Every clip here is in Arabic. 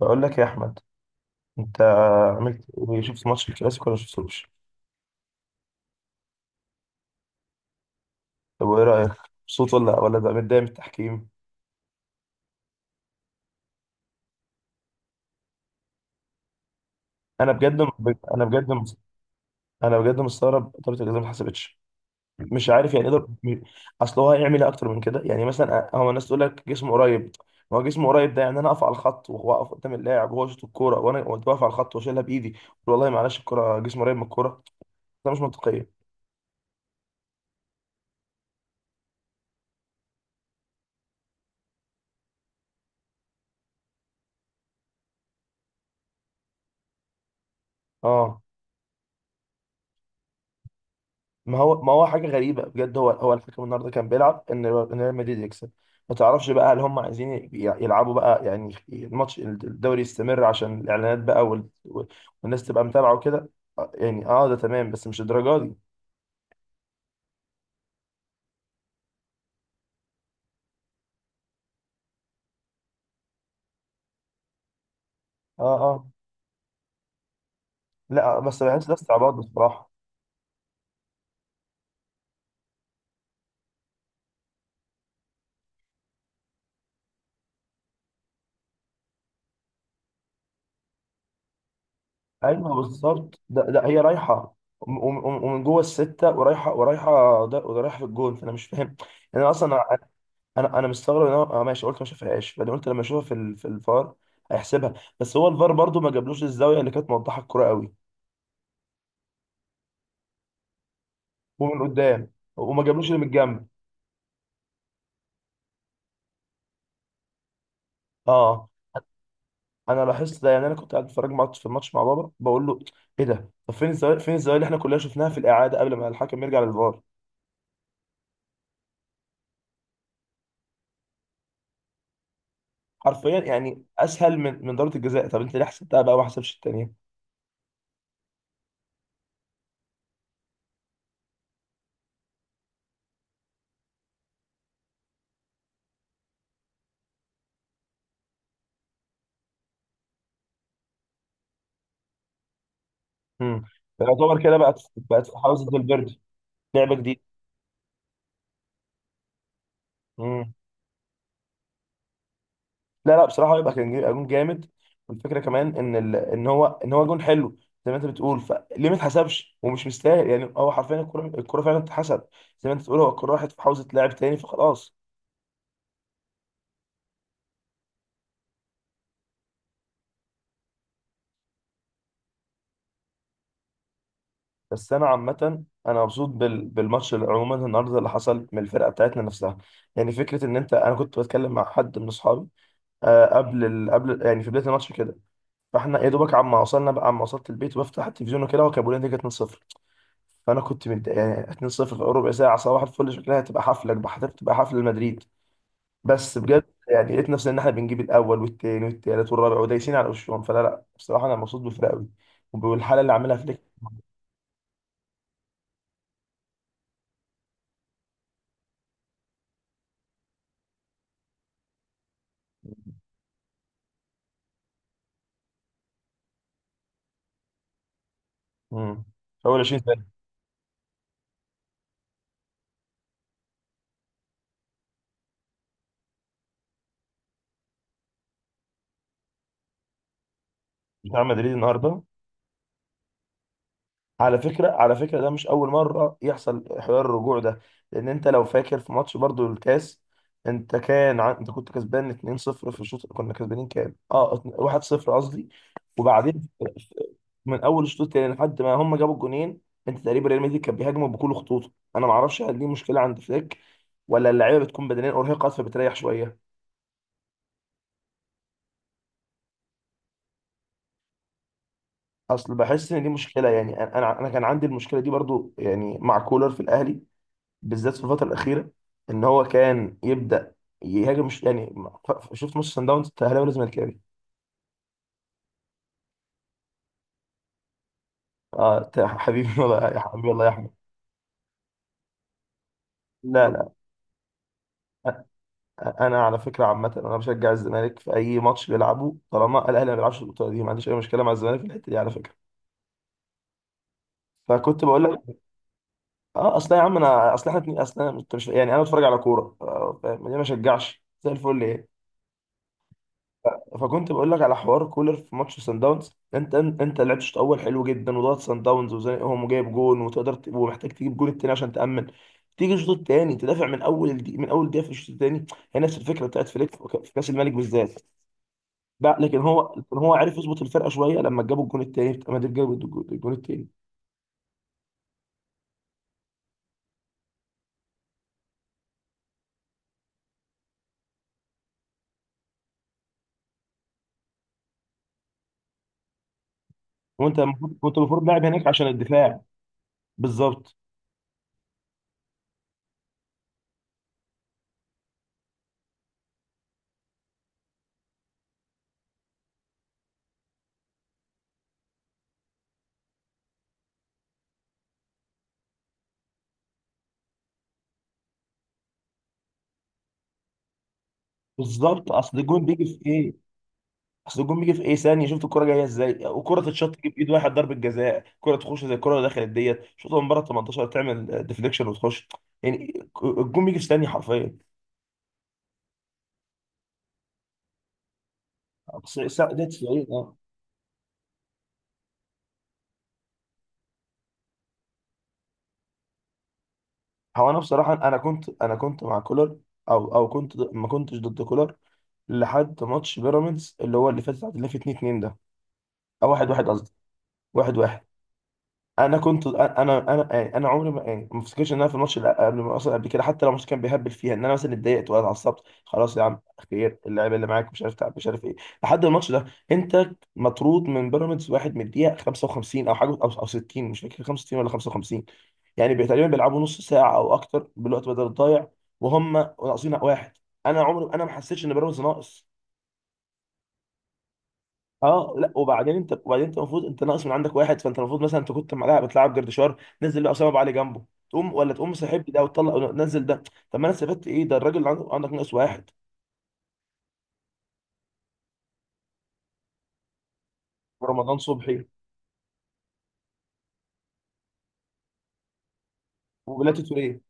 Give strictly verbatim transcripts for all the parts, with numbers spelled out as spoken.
بقول لك يا احمد، انت عملت إيه؟ شفت ماتش الكلاسيكو ولا شفتوش؟ طب وايه رايك، مبسوط ولا ولا بقى متضايق من التحكيم؟ انا بجد انا بجد انا بجد مستغرب ضربه الجزاء ما اتحسبتش. مش عارف يعني يقدر، اصل هو هيعمل ايه اكتر من كده؟ يعني مثلا هو الناس تقول لك جسمه قريب، ما هو جسمه قريب ده يعني انا اقف على الخط، واقف قدام اللاعب وهو يشوط الكوره، وانا وأنت واقف على الخط واشيلها بايدي. والله معلش الكوره، جسمه قريب من الكوره، ده مش منطقيه. اه، ما هو ما هو حاجه غريبه بجد. هو هو الحكم النهارده كان بيلعب ان ان ريال مدريد يكسب. ما تعرفش بقى، هل هم عايزين ي- يلعبوا بقى؟ يعني الماتش الدوري يستمر عشان الاعلانات بقى وال... وال- والناس تبقى متابعه وكده. آه، يعني اه ده تمام، بس مش الدرجه دي. اه اه، لا آه، بس بحس ده استعباط بصراحه. ايوه بالظبط، ده, ده هي رايحه وم- وم- ومن جوه السته، ورايحه ورايحه ده ورايحه في الجون، فانا مش فاهم يعني. انا اصلا انا انا مستغرب ان هو، اه ماشي قلت ما شافهاش، بعدين قلت لما اشوفها في ال- في الفار هيحسبها، بس هو الفار برضو ما جابلوش الزاويه اللي كانت موضحه الكوره قوي. ومن قدام وما جابلوش اللي من الجنب. اه، انا لاحظت ده، يعني انا كنت قاعد بتفرج مع- في الماتش مع بابا، بقول له ايه ده؟ طب فين الزاويه، فين الزاويه اللي احنا كلنا شفناها في الاعاده قبل ما الحكم يرجع للفار؟ حرفيا يعني اسهل من من ضربه الجزاء، طب انت ليه حسبتها بقى وما حسبش الثانيه؟ امم، يعتبر كده بقت بقت في حوزه الفيردي، لعبه جديده. لا لا بصراحه هو يبقى كان جاي- جون جامد، والفكره كمان ان ال... ان هو ان هو جون حلو. زي ما انت بتقول، فليه ما اتحسبش ومش مستاهل؟ يعني هو حرفيا الكره، الكره فعلا اتحسب. زي ما انت بتقول هو الكره راحت في حوزه لاعب تاني فخلاص. بس انا عامه انا مبسوط بال... بالماتش اللي عموما النهارده، اللي حصل من الفرقه بتاعتنا نفسها. يعني فكره ان انت، انا كنت بتكلم مع حد من اصحابي آه، قبل ال... قبل يعني في بدايه الماتش كده. فاحنا يا دوبك عما وصلنا بقى، عما وصلت البيت وبفتح التلفزيون وكده، وكان بيقول لي نتيجه اتنين صفر. فانا كنت متضايق يعني اتنين صفر في ربع ساعه صباح الفل، شكلها هتبقى حفله، هتبقى حفله مدريد. بس بجد يعني لقيت نفسي ان احنا بنجيب الاول والتاني والتالت والرابع ودايسين على وشهم، فلا لا بصراحه انا مبسوط بالفرقه قوي وبالحاله اللي عاملها فليك. امم، اول عشرين سنه بتاع مدريد النهارده. على فكرة، على فكرة ده مش أول مرة يحصل حوار الرجوع ده، لأن أنت لو فاكر في ماتش برضو الكاس، أنت كان عن... أنت كنت كسبان اتنين صفر في الشوط، كنا كسبانين كام؟ أه واحد صفر قصدي. وبعدين من أول الشوط التاني لحد ما هم جابوا الجونين، أنت تقريبا ريال مدريد كان بيهاجموا بكل خطوطه. أنا معرفش هل دي مشكلة عند فليك، ولا اللعيبة بتكون بدنيا أرهقت فبتريح شوية. أصل بحس إن دي مشكلة يعني، أنا أنا أنا كان عندي المشكلة دي برضو يعني مع كولر في الأهلي، بالذات في الفتره الاخيره. ان هو كان يبدا يهاجم، مش يعني ف- ف- شفت ماتش سان داونز؟ انت اهلاوي ولا زملكاوي؟ اه أنت يا حبيبي، والله يا حبيبي، والله يا احمد. لا لا، أ- انا على فكره عامه انا بشجع الزمالك في اي ماتش بيلعبه، طالما الاهلي ما بيلعبش البطوله دي ما عنديش اي مشكله مع الزمالك في الحته دي على فكره. فكنت بقول لك، اه اصل يا عم انا، اصل احنا اتنين- اصل أنا- انت مش يعني انا بتفرج على كوره آه، فاهم ليه ما اشجعش زي الفل ايه. فكنت بقول لك على حوار كولر في ماتش سان داونز، انت انت لعبت الشوط الاول حلو جدا وضغط سان داونز وزنقهم وجايب جون، وتقدر ت- ومحتاج تجيب جون التاني عشان تامن. تيجي الشوط التاني تدافع من اول دي، من اول دقيقه في الشوط التاني. هي نفس الفكره بتاعت فليك في ك- في كاس الملك بالذات. لا لكن هو لكن هو عارف يظبط الفرقه شويه لما جابوا الجون التاني بتاع مدريد، جابوا الجو- الجون التاني وانت المفروض، كنت المفروض لاعب هناك عشان الدفاع. بالظبط. بالظبط اصل الجون بيجي في ايه، اصل الجون بيجي في ايه ثانيه. شفت الكره جايه ازاي؟ وكره تتشاط تجيب ايد واحد ضربه جزاء، كره تخش زي الكره اللي دخلت ديت، شوطها من بره تمنتاشر تعمل ديفليكشن وتخش. يعني الجون بيجي في ثانيه حرفيا، بس ده تسعين. اه، هو انا بصراحه انا كنت انا كنت مع كولر، او او كنت ضد- ما كنتش ضد كولر لحد ماتش بيراميدز اللي هو اللي فات، اللي فات اتنين اتنين ده، او واحد واحد قصدي. واحد واحد. انا كنت انا انا يعني انا عمري ما، يعني ما افتكرش ان انا في الماتش اللي قبل، ما اصلا قبل كده حتى لو الماتش كان بيهبل فيها، ان انا مثلا اتضايقت ولا اتعصبت، خلاص يا عم خير، اللعيبه اللي معاك مش عارف تعب مش عارف ايه، لحد الماتش ده. انت مطرود من بيراميدز واحد من الدقيقه خمسة وخمسين او حاجه، او او ستين، مش فاكر خمسة وستين ولا خمسة وخمسين. يعني بي- تقريبا بيلعبوا نص ساعه او اكتر بالوقت بدل الضايع، وهم ناقصين واحد. انا عمري انا ما حسيتش ان بيراميدز ناقص اه لا وبعدين انت وبعدين انت المفروض انت ناقص من عندك واحد، فانت المفروض مثلا انت كنت معاه بتلعب جردشار، نزل له اسامه ابو علي جنبه. تقوم ولا تقوم سحب ده وتطلع نزل ده، طب ما انا استفدت ايه؟ ده الراجل اللي عندك عندك ناقص واحد. ورمضان صبحي. وبلاتي توريه.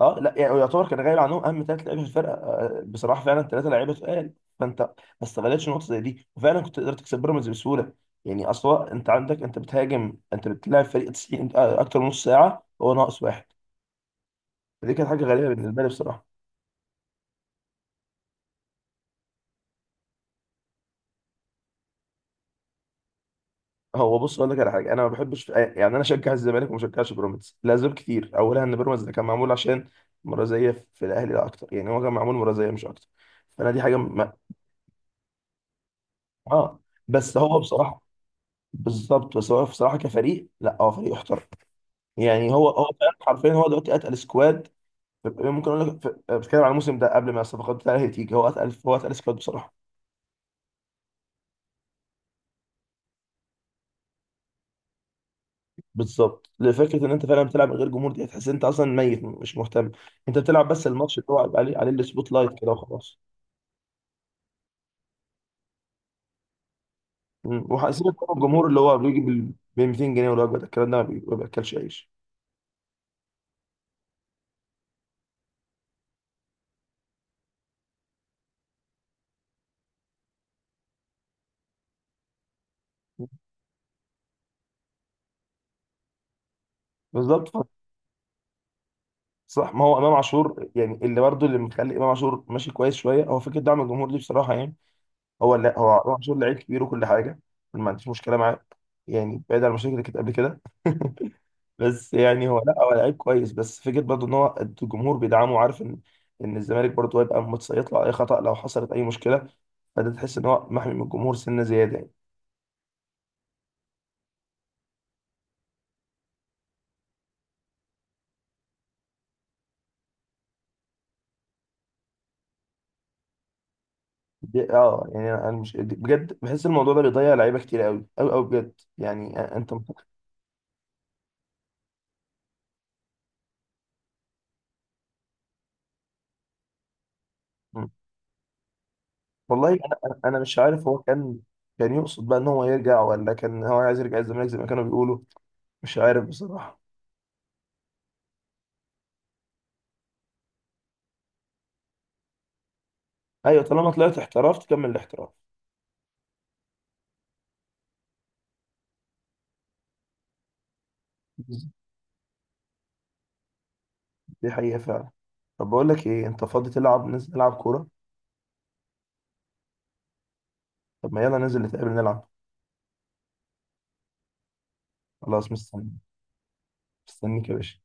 اه لا يعني يعتبر كان غايب عنهم اهم ثلاث لعيبه في الفرقه آه، بصراحه فعلا ثلاثه لعيبه تقال. فانت ما استغلتش النقطه زي دي، وفعلا كنت قدرت تكسب بيراميدز بسهوله. يعني اصل هو انت عندك، انت بتهاجم، انت بتلعب فريق تسعين آه، اكتر من نص ساعه هو ناقص واحد. فدي كانت حاجه غريبه بالنسبه لي بصراحه. هو بص اقول لك على حاجه، انا ما بحبش يعني انا اشجع الزمالك وما اشجعش بيراميدز لاسباب كتير، اولها ان بيراميدز ده كان معمول عشان مرازيه في الاهلي لا اكتر، يعني هو كان معمول مرازيه مش اكتر. فانا دي حاجه ما... اه. بس هو بصراحه، بالظبط، بس هو بصراحه كفريق لا هو فريق يحترم. يعني هو هو فعلاً حرفيا هو دلوقتي اتقل سكواد. ممكن اقول لك في- آه، بتكلم على الموسم ده قبل ما الصفقات بتاعته تيجي، هو اتقل، هو اتقل سكواد بصراحه. بالظبط، لفكره ان انت فعلا بتلعب من غير جمهور، دي هتحس ان انت اصلا ميت مش مهتم. انت بتلعب بس الماتش اللي هو عليه، عليه السبوت لايت كده وخلاص. مم. وهيسيبك طبعا الجمهور اللي هو بيجي بال، ب ميتين جنيه والوجبه ده. الكلام ده ما بي- ما بياكلش عيش. بالظبط. ف- صح، ما هو امام عاشور يعني، اللي برضه اللي مخلي امام عاشور ماشي كويس شويه هو فكره دعم الجمهور دي بصراحه يعني. هو لا، هو امام عاشور لعيب كبير وكل حاجه، ما عنديش مشكله معاه يعني، بعيد عن المشاكل اللي كانت قبل كده بس يعني هو لا هو لعيب كويس، بس فكره برضه ان هو الجمهور بيدعمه وعارف ان ان الزمالك برضه هيبقى متسيط له على اي خطأ لو حصلت اي مشكله. فده تحس ان هو محمي من الجمهور سنه زياده يعني. دي اه يعني، انا أنا مش دي- بجد بحس الموضوع ده بيضيع لعيبه كتير، قوي قوي قوي بجد يعني، أ- انت م- م. والله انا انا أنا مش عارف هو كان، كان يقصد بقى ان هو يرجع، ولا كان هو عايز يرجع الزمالك زي ما كانوا بيقولوا؟ مش عارف بصراحه. ايوه طالما طلعت احتراف تكمل الاحتراف. دي حقيقة فعلا. طب بقول لك ايه، انت فاضي تلعب؟ ننزل نلعب كورة؟ طب ما يلا ننزل نتقابل نلعب. خلاص مستني، مستنيك يا باشا.